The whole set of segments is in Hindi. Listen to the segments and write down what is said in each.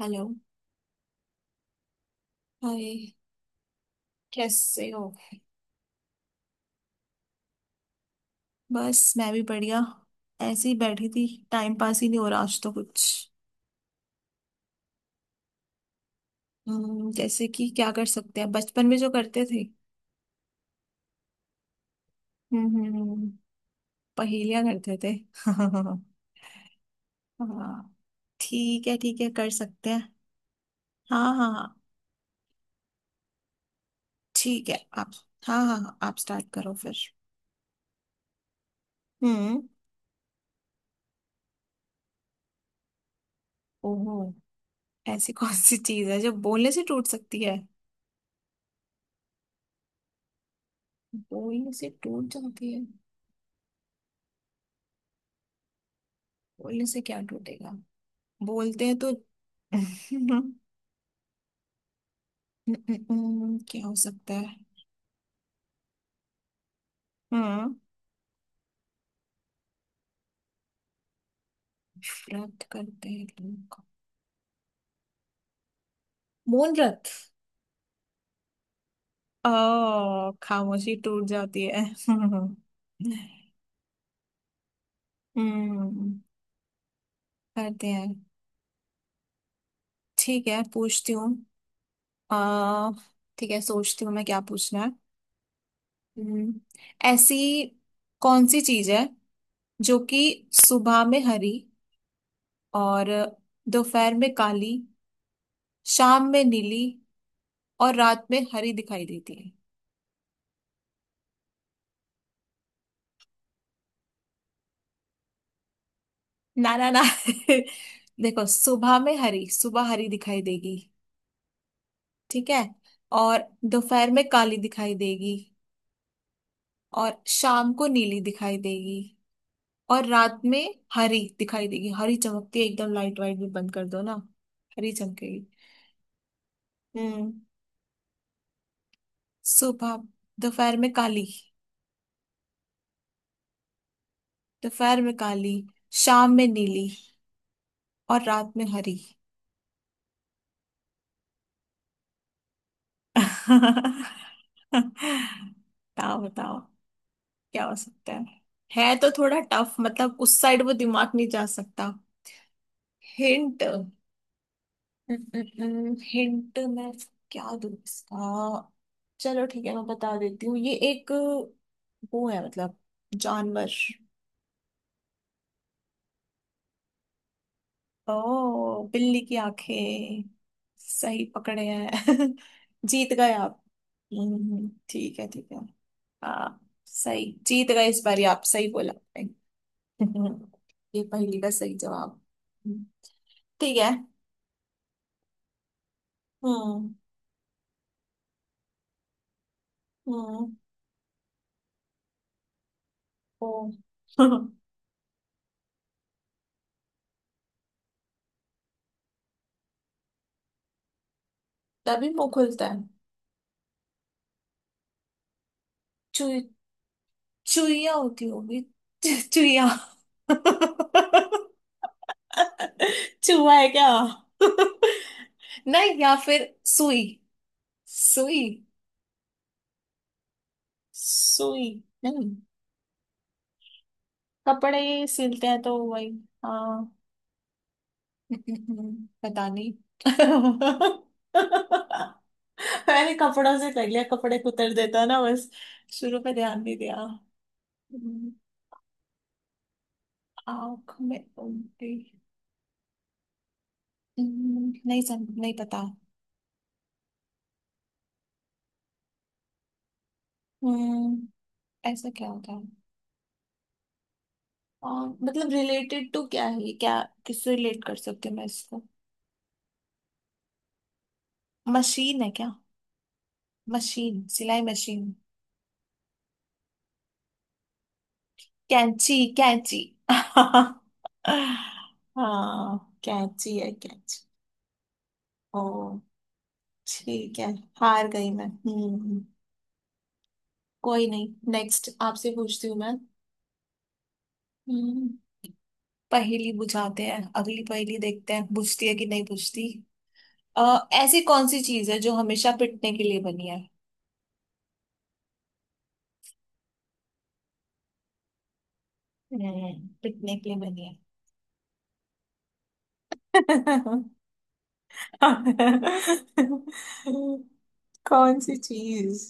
हेलो। हाय। कैसे हो? बस मैं भी बढ़िया। ऐसे ही बैठी थी, टाइम पास ही नहीं हो रहा आज तो कुछ। जैसे कि क्या कर सकते हैं, बचपन में जो करते थे। हम्म। पहेलियां करते थे हाँ। ठीक है, ठीक है, कर सकते हैं। हाँ, हाँ, हाँ। ठीक है, आप। हाँ, हाँ, हाँ, आप स्टार्ट करो फिर। हम्म। ओहो। ऐसी कौन सी चीज है जो बोलने से टूट सकती है? बोलने से टूट जाती है? बोलने से क्या टूटेगा? बोलते हैं तो क्या हो सकता है? हाँ। व्रत करते हैं लोग। मौन व्रत। ओ, खामोशी टूट जाती है हम्म। करते हैं। ठीक है, पूछती हूँ। आ ठीक है, सोचती हूँ मैं क्या पूछना है। हम्म, ऐसी कौन सी चीज है जो कि सुबह में हरी, और दोपहर में काली, शाम में नीली, और रात में हरी दिखाई देती है? ना, ना, ना देखो, सुबह में हरी, सुबह हरी दिखाई देगी। ठीक है। और दोपहर में काली दिखाई देगी। और शाम को नीली दिखाई देगी, और रात में हरी दिखाई देगी। हरी चमकती है एकदम, लाइट वाइट भी बंद कर दो ना। हरी चमकेगी। हम्म। सुबह। दोपहर में काली। दोपहर में काली। शाम में नीली, और रात में हरी। बताओ, बताओ। क्या हो सकता है? है तो थोड़ा टफ, मतलब उस साइड वो दिमाग नहीं जा सकता। हिंट? हिंट मैं क्या दूँ इसका? चलो ठीक है, मैं बता देती हूँ, ये एक वो है मतलब, जानवर। ओ, बिल्ली की आंखें, सही पकड़े हैं जीत गए आप। ठीक है, ठीक है। हाँ, सही, जीत गए इस बारी, आप सही बोला आपने। ये पहेली का सही जवाब। ठीक है। हम्म। हम्म। ओ तभी मुंह खुलता है। चु चुईया होती होगी। चुईया। चुहा है क्या? नहीं, या फिर सुई। सुई। सुई। नहीं, कपड़े ही सिलते हैं तो वही। हाँ पता नहीं। मैंने कपड़ों से कर लिया, कपड़े कुतर देता ना बस। शुरू में ध्यान नहीं दिया। आंख में उल्टी। नहीं, सम नहीं पता। हम्म। ऐसा क्या होता है? और मतलब रिलेटेड टू क्या है ये? क्या किससे रिलेट कर सकती हूँ मैं इसको? मशीन है क्या? मशीन, सिलाई मशीन। कैंची? कैंची हाँ, कैंची है कैंची। ओ, ठीक है, हार गई मैं। हम्म। कोई नहीं, नेक्स्ट आपसे पूछती हूँ मैं। हम्म। पहेली बुझाते हैं, अगली पहेली देखते हैं, बुझती है कि नहीं बुझती। ऐसी कौन सी चीज है जो हमेशा पिटने के लिए बनी है? पिटने के लिए बनी है। कौन सी चीज?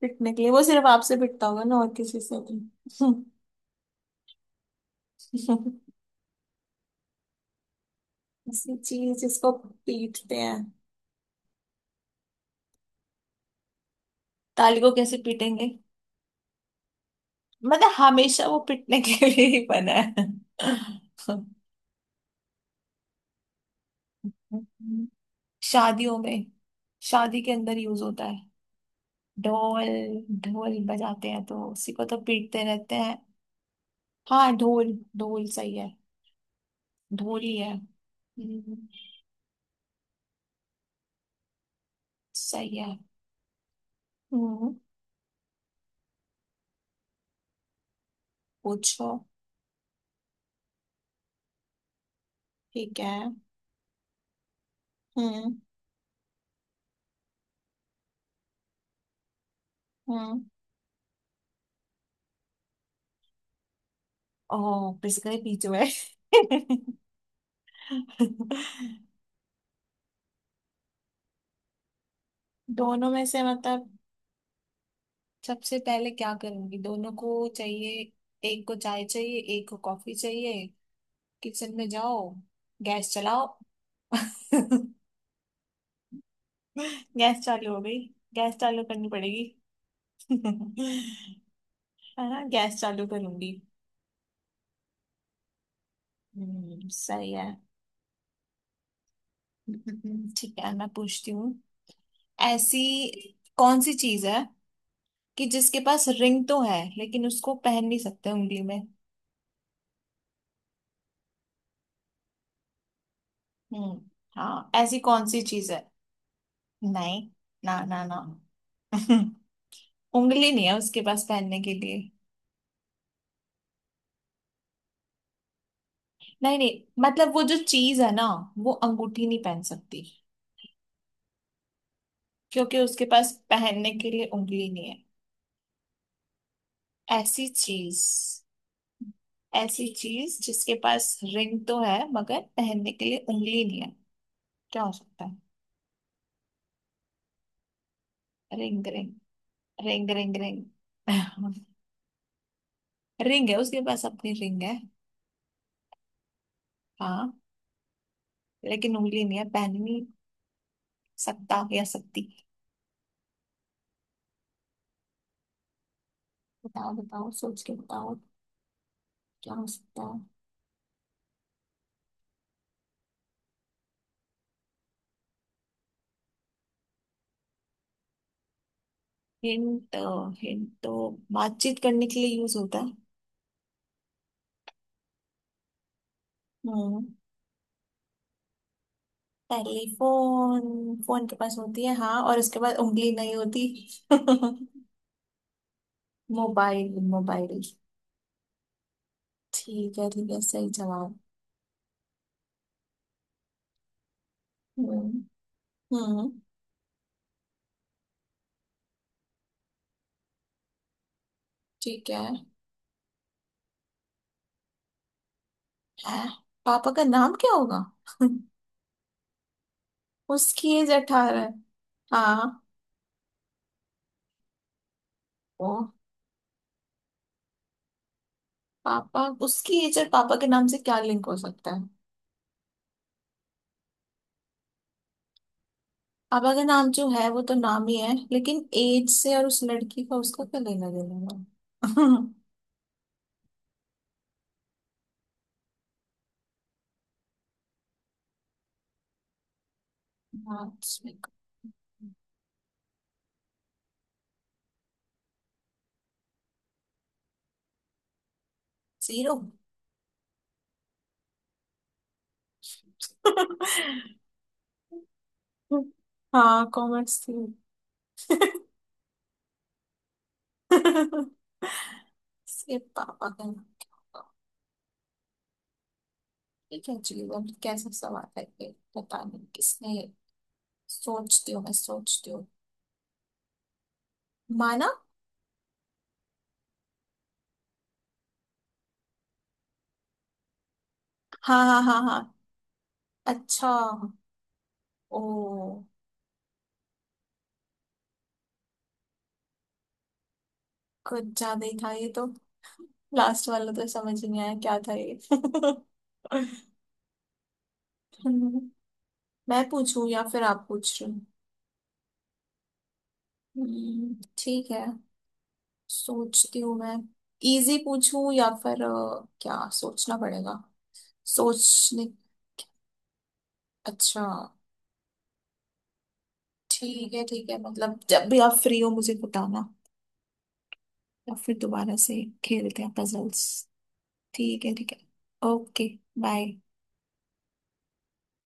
पिटने के लिए वो सिर्फ आपसे पिटता होगा ना, और किसी से नहीं। ऐसी चीज जिसको पीटते हैं। ताली को कैसे पीटेंगे? मतलब हमेशा वो पिटने के लिए ही बना है हम्म, शादियों में, शादी के अंदर यूज होता है। ढोल? ढोल बजाते हैं तो उसी को तो पीटते रहते हैं। हाँ, ढोल, ढोल सही है। ढोल ही है। हम्म, सही है। हम्म पूछो। ठीक है। हम्म। हम्म। ओ, पिस गए बीच में दोनों में से मतलब, सबसे पहले क्या करूंगी, दोनों को चाहिए। एक को चाय चाहिए, एक को कॉफी चाहिए। किचन में जाओ, गैस चलाओ गैस चालू हो गई। गैस चालू करनी पड़ेगी। है। ना, गैस चालू करूंगी। सही है। ठीक है, मैं पूछती हूँ। ऐसी कौन सी चीज है कि जिसके पास रिंग तो है, लेकिन उसको पहन नहीं सकते उंगली में? हम्म। हाँ, ऐसी कौन सी चीज है? नहीं, ना, ना, ना उंगली नहीं है उसके पास पहनने के लिए। नहीं, नहीं, मतलब वो जो चीज है ना, वो अंगूठी नहीं पहन सकती। क्योंकि उसके पास पहनने के लिए उंगली नहीं है। ऐसी चीज। ऐसी चीज जिसके पास रिंग तो है, मगर पहनने के लिए उंगली नहीं है। क्या हो सकता है? Ring, ring, ring. Ring, ring, ring है, उसके पास अपनी रिंग है। हाँ, लेकिन उंगली नहीं है, पहन नहीं सकता या सकती। बताओ, बताओ, सोच के बताओ। क्या हो सकता है? हिंट? हिंट तो बातचीत करने के लिए यूज होता है। हम्म। टेलीफोन, फोन के पास होती है, हाँ, और उसके बाद उंगली नहीं होती मोबाइल, मोबाइल। ठीक है, ठीक है, सही जवाब। हम्म। हम्म। ठीक है, है? पापा का नाम क्या होगा उसकी एज 18 है? हाँ। ओ, पापा, उसकी एज और पापा के नाम से क्या लिंक हो सकता है? पापा का नाम जो है वो तो नाम ही है, लेकिन एज से और उस लड़की का, उसका क्या लेना देना है मार्क्स में। जीरो हाँ, कॉमर्स थी सिर्फ पापा का नाम क्या होगा? ये क्या जीवन कैसा सवाल है ये, पता नहीं किसने सोचती हूँ मैं, सोचती हूँ। माना। हाँ, हाँ, हाँ, हाँ। अच्छा। ओ। कुछ ज्यादा ही था ये तो। लास्ट वाला तो समझ ही नहीं आया क्या था ये मैं पूछूं या फिर आप पूछ रहे हो? ठीक है, सोचती हूँ मैं। इजी पूछूं या फिर क्या सोचना पड़ेगा। सोचने। अच्छा। ठीक है, ठीक है, मतलब जब भी आप फ्री हो मुझे बताना। या फिर दोबारा से खेलते हैं पजल्स। ठीक है, ठीक है। ओके। बाय।